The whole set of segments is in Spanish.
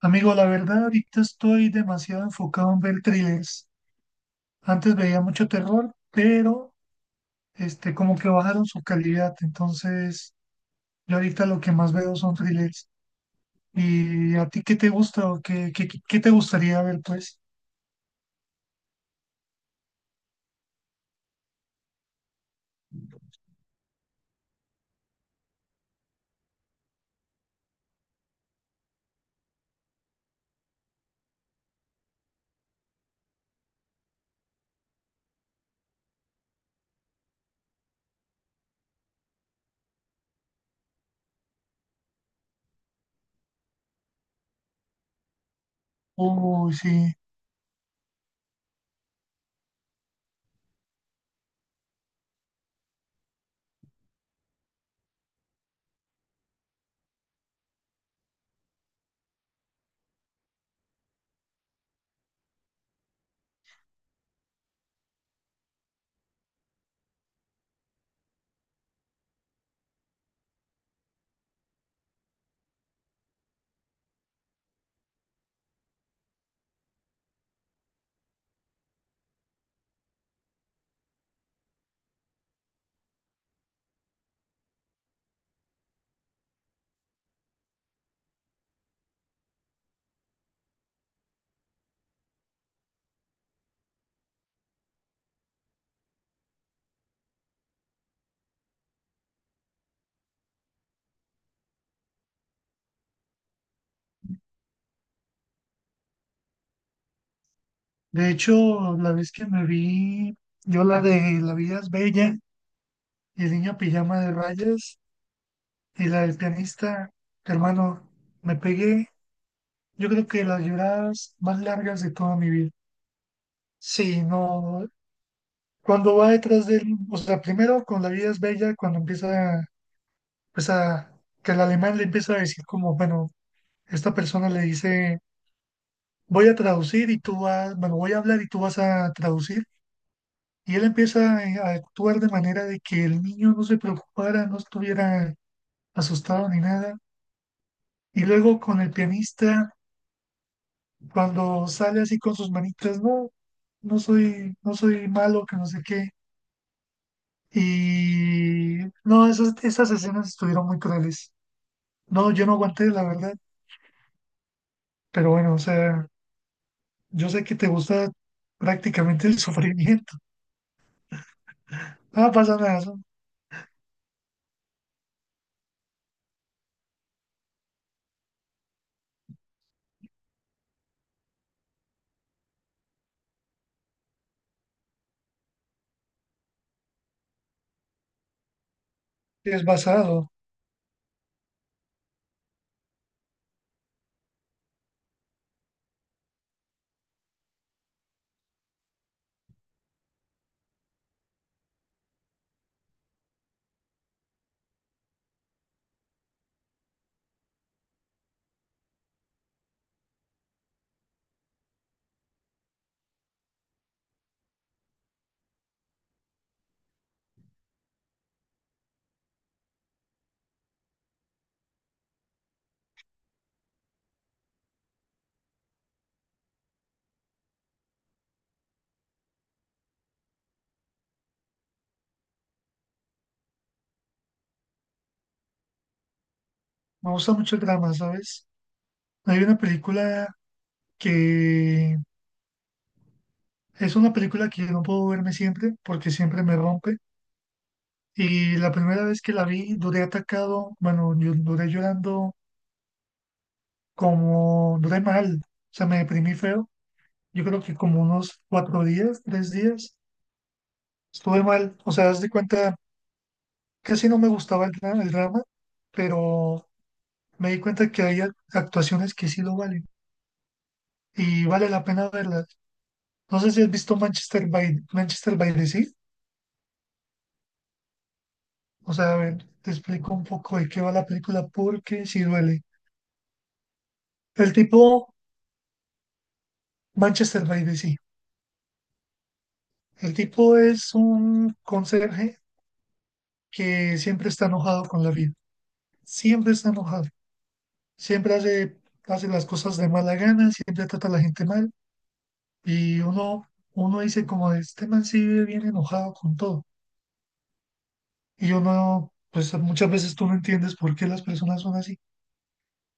Amigo, la verdad, ahorita estoy demasiado enfocado en ver thrillers. Antes veía mucho terror, pero como que bajaron su calidad. Entonces, yo ahorita lo que más veo son thrillers. ¿Y a ti qué te gusta o qué te gustaría ver, pues? Uy, sí. De hecho, la vez que me vi, yo la de La vida es bella y el niño pijama de rayas y la del pianista, hermano, me pegué. Yo creo que las lloradas más largas de toda mi vida. Sí, no, cuando va detrás de él, o sea, primero con La vida es bella, cuando empieza, pues a, que el alemán le empieza a decir como, bueno, esta persona le dice, voy a traducir y tú vas, bueno, voy a hablar y tú vas a traducir, y él empieza a actuar de manera de que el niño no se preocupara, no estuviera asustado ni nada, y luego con el pianista, cuando sale así con sus manitas, no, no soy, no soy malo, que no sé qué. Y no, esas escenas estuvieron muy crueles. No, yo no aguanté, la verdad. Pero bueno, o sea, yo sé que te gusta prácticamente el sufrimiento. No pasa nada, eso es basado. Me gusta mucho el drama, ¿sabes? Hay una película que es una película que yo no puedo verme siempre porque siempre me rompe. Y la primera vez que la vi, duré atacado, bueno, yo duré llorando como, duré mal, o sea, me deprimí feo. Yo creo que como unos cuatro días, tres días, estuve mal. O sea, haz de cuenta, casi no me gustaba el, el drama, pero me di cuenta que hay actuaciones que sí lo valen y vale la pena verlas. No sé si has visto Manchester by the Sea. O sea, a ver, te explico un poco de qué va la película porque sí duele. El tipo, Manchester by the Sea. El tipo es un conserje que siempre está enojado con la vida. Siempre está enojado, siempre hace, hace las cosas de mala gana, siempre trata a la gente mal y uno dice como este man sí vive bien enojado con todo y uno, pues muchas veces tú no entiendes por qué las personas son así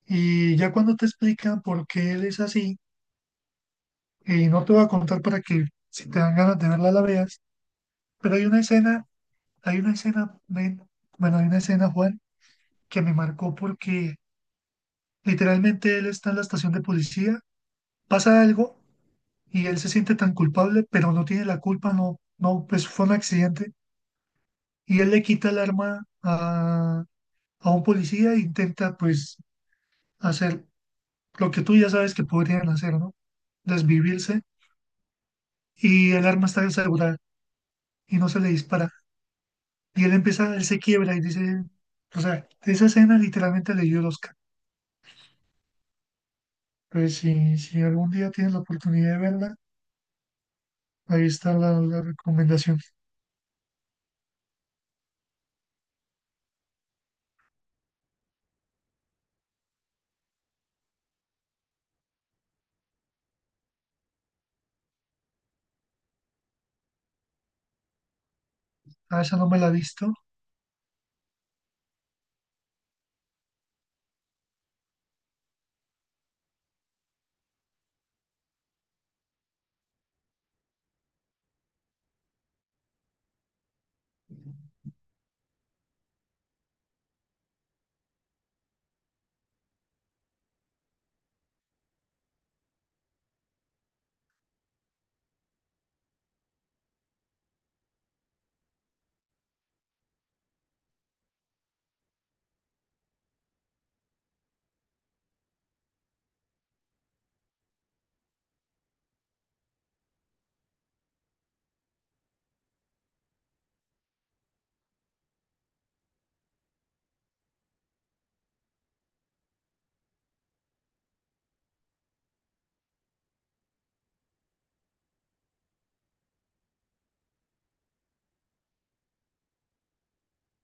y ya cuando te explican por qué él es así, y no te voy a contar para que si te dan ganas de verla la veas, pero hay una escena, Juan, que me marcó porque literalmente él está en la estación de policía, pasa algo y él se siente tan culpable, pero no tiene la culpa, no, no, pues fue un accidente y él le quita el arma a un policía e intenta pues hacer lo que tú ya sabes que podrían hacer, ¿no? Desvivirse, y el arma está asegurada y no se le dispara y él empieza, él se quiebra y dice, o sea, esa escena literalmente le dio el Oscar. Pues si, si algún día tienes la oportunidad de verla, ahí está la recomendación. Ah, esa no me la he visto,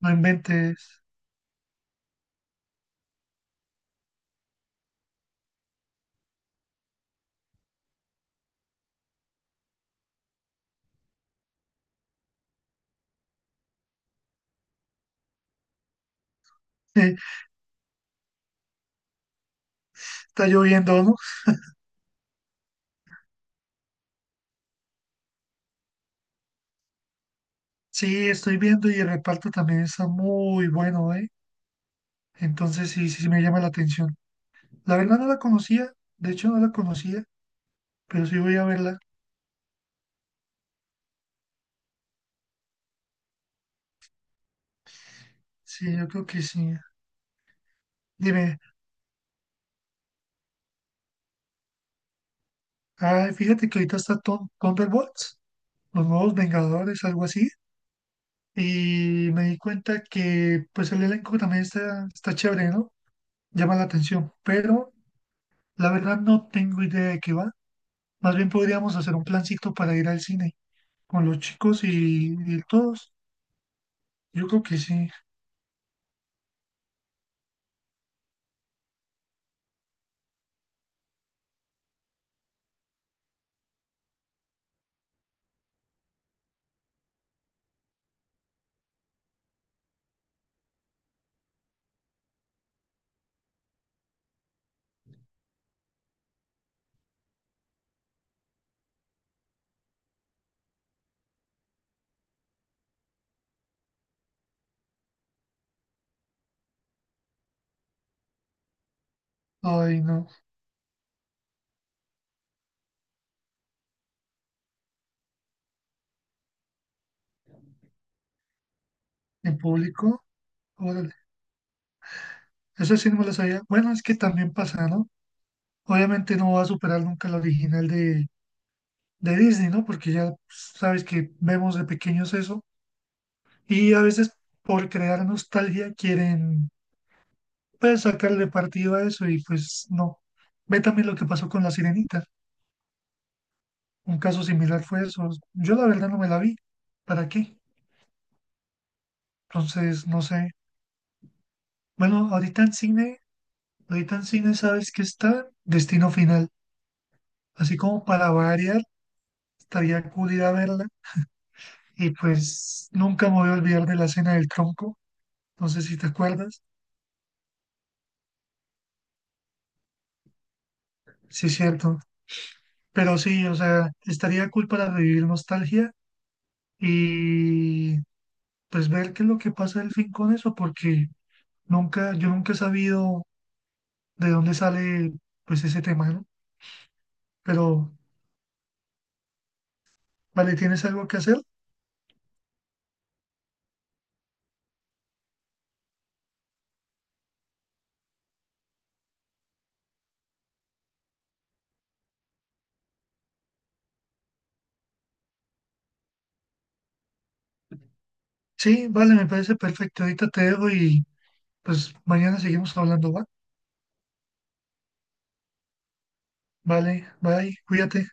no inventes. Está lloviendo, ¿no? Sí, estoy viendo y el reparto también está muy bueno, ¿eh? Entonces sí, sí, sí me llama la atención. La verdad no la conocía, de hecho no la conocía, pero sí voy a verla. Sí, yo creo que sí. Dime, ah, fíjate que ahorita está Thunderbolts, los nuevos Vengadores, algo así, y me di cuenta que pues el elenco también está chévere, ¿no? Llama la atención, pero la verdad no tengo idea de qué va. Más bien podríamos hacer un plancito para ir al cine con los chicos y ir todos. Yo creo que sí. Ay, no. En público, órale. Esa sí no me la sabía. Bueno, es que también pasa, ¿no? Obviamente no va a superar nunca la original de Disney, ¿no? Porque ya pues, sabes que vemos de pequeños eso. Y a veces por crear nostalgia quieren, pues, sacarle partido a eso y pues no. Ve también lo que pasó con La Sirenita. Un caso similar fue eso. Yo la verdad no me la vi. ¿Para qué? Entonces, no sé. Bueno, ahorita en cine sabes que está Destino Final. Así como para variar, estaría cool ir a verla. Y pues nunca me voy a olvidar de la cena del tronco. No sé si te acuerdas. Sí, es cierto. Pero sí, o sea, estaría cool para revivir nostalgia y pues ver qué es lo que pasa al fin con eso, porque nunca, yo nunca he sabido de dónde sale pues ese tema, ¿no? Pero, vale, ¿tienes algo que hacer? Sí, vale, me parece perfecto. Ahorita te dejo y pues mañana seguimos hablando, ¿va? Vale, bye, cuídate.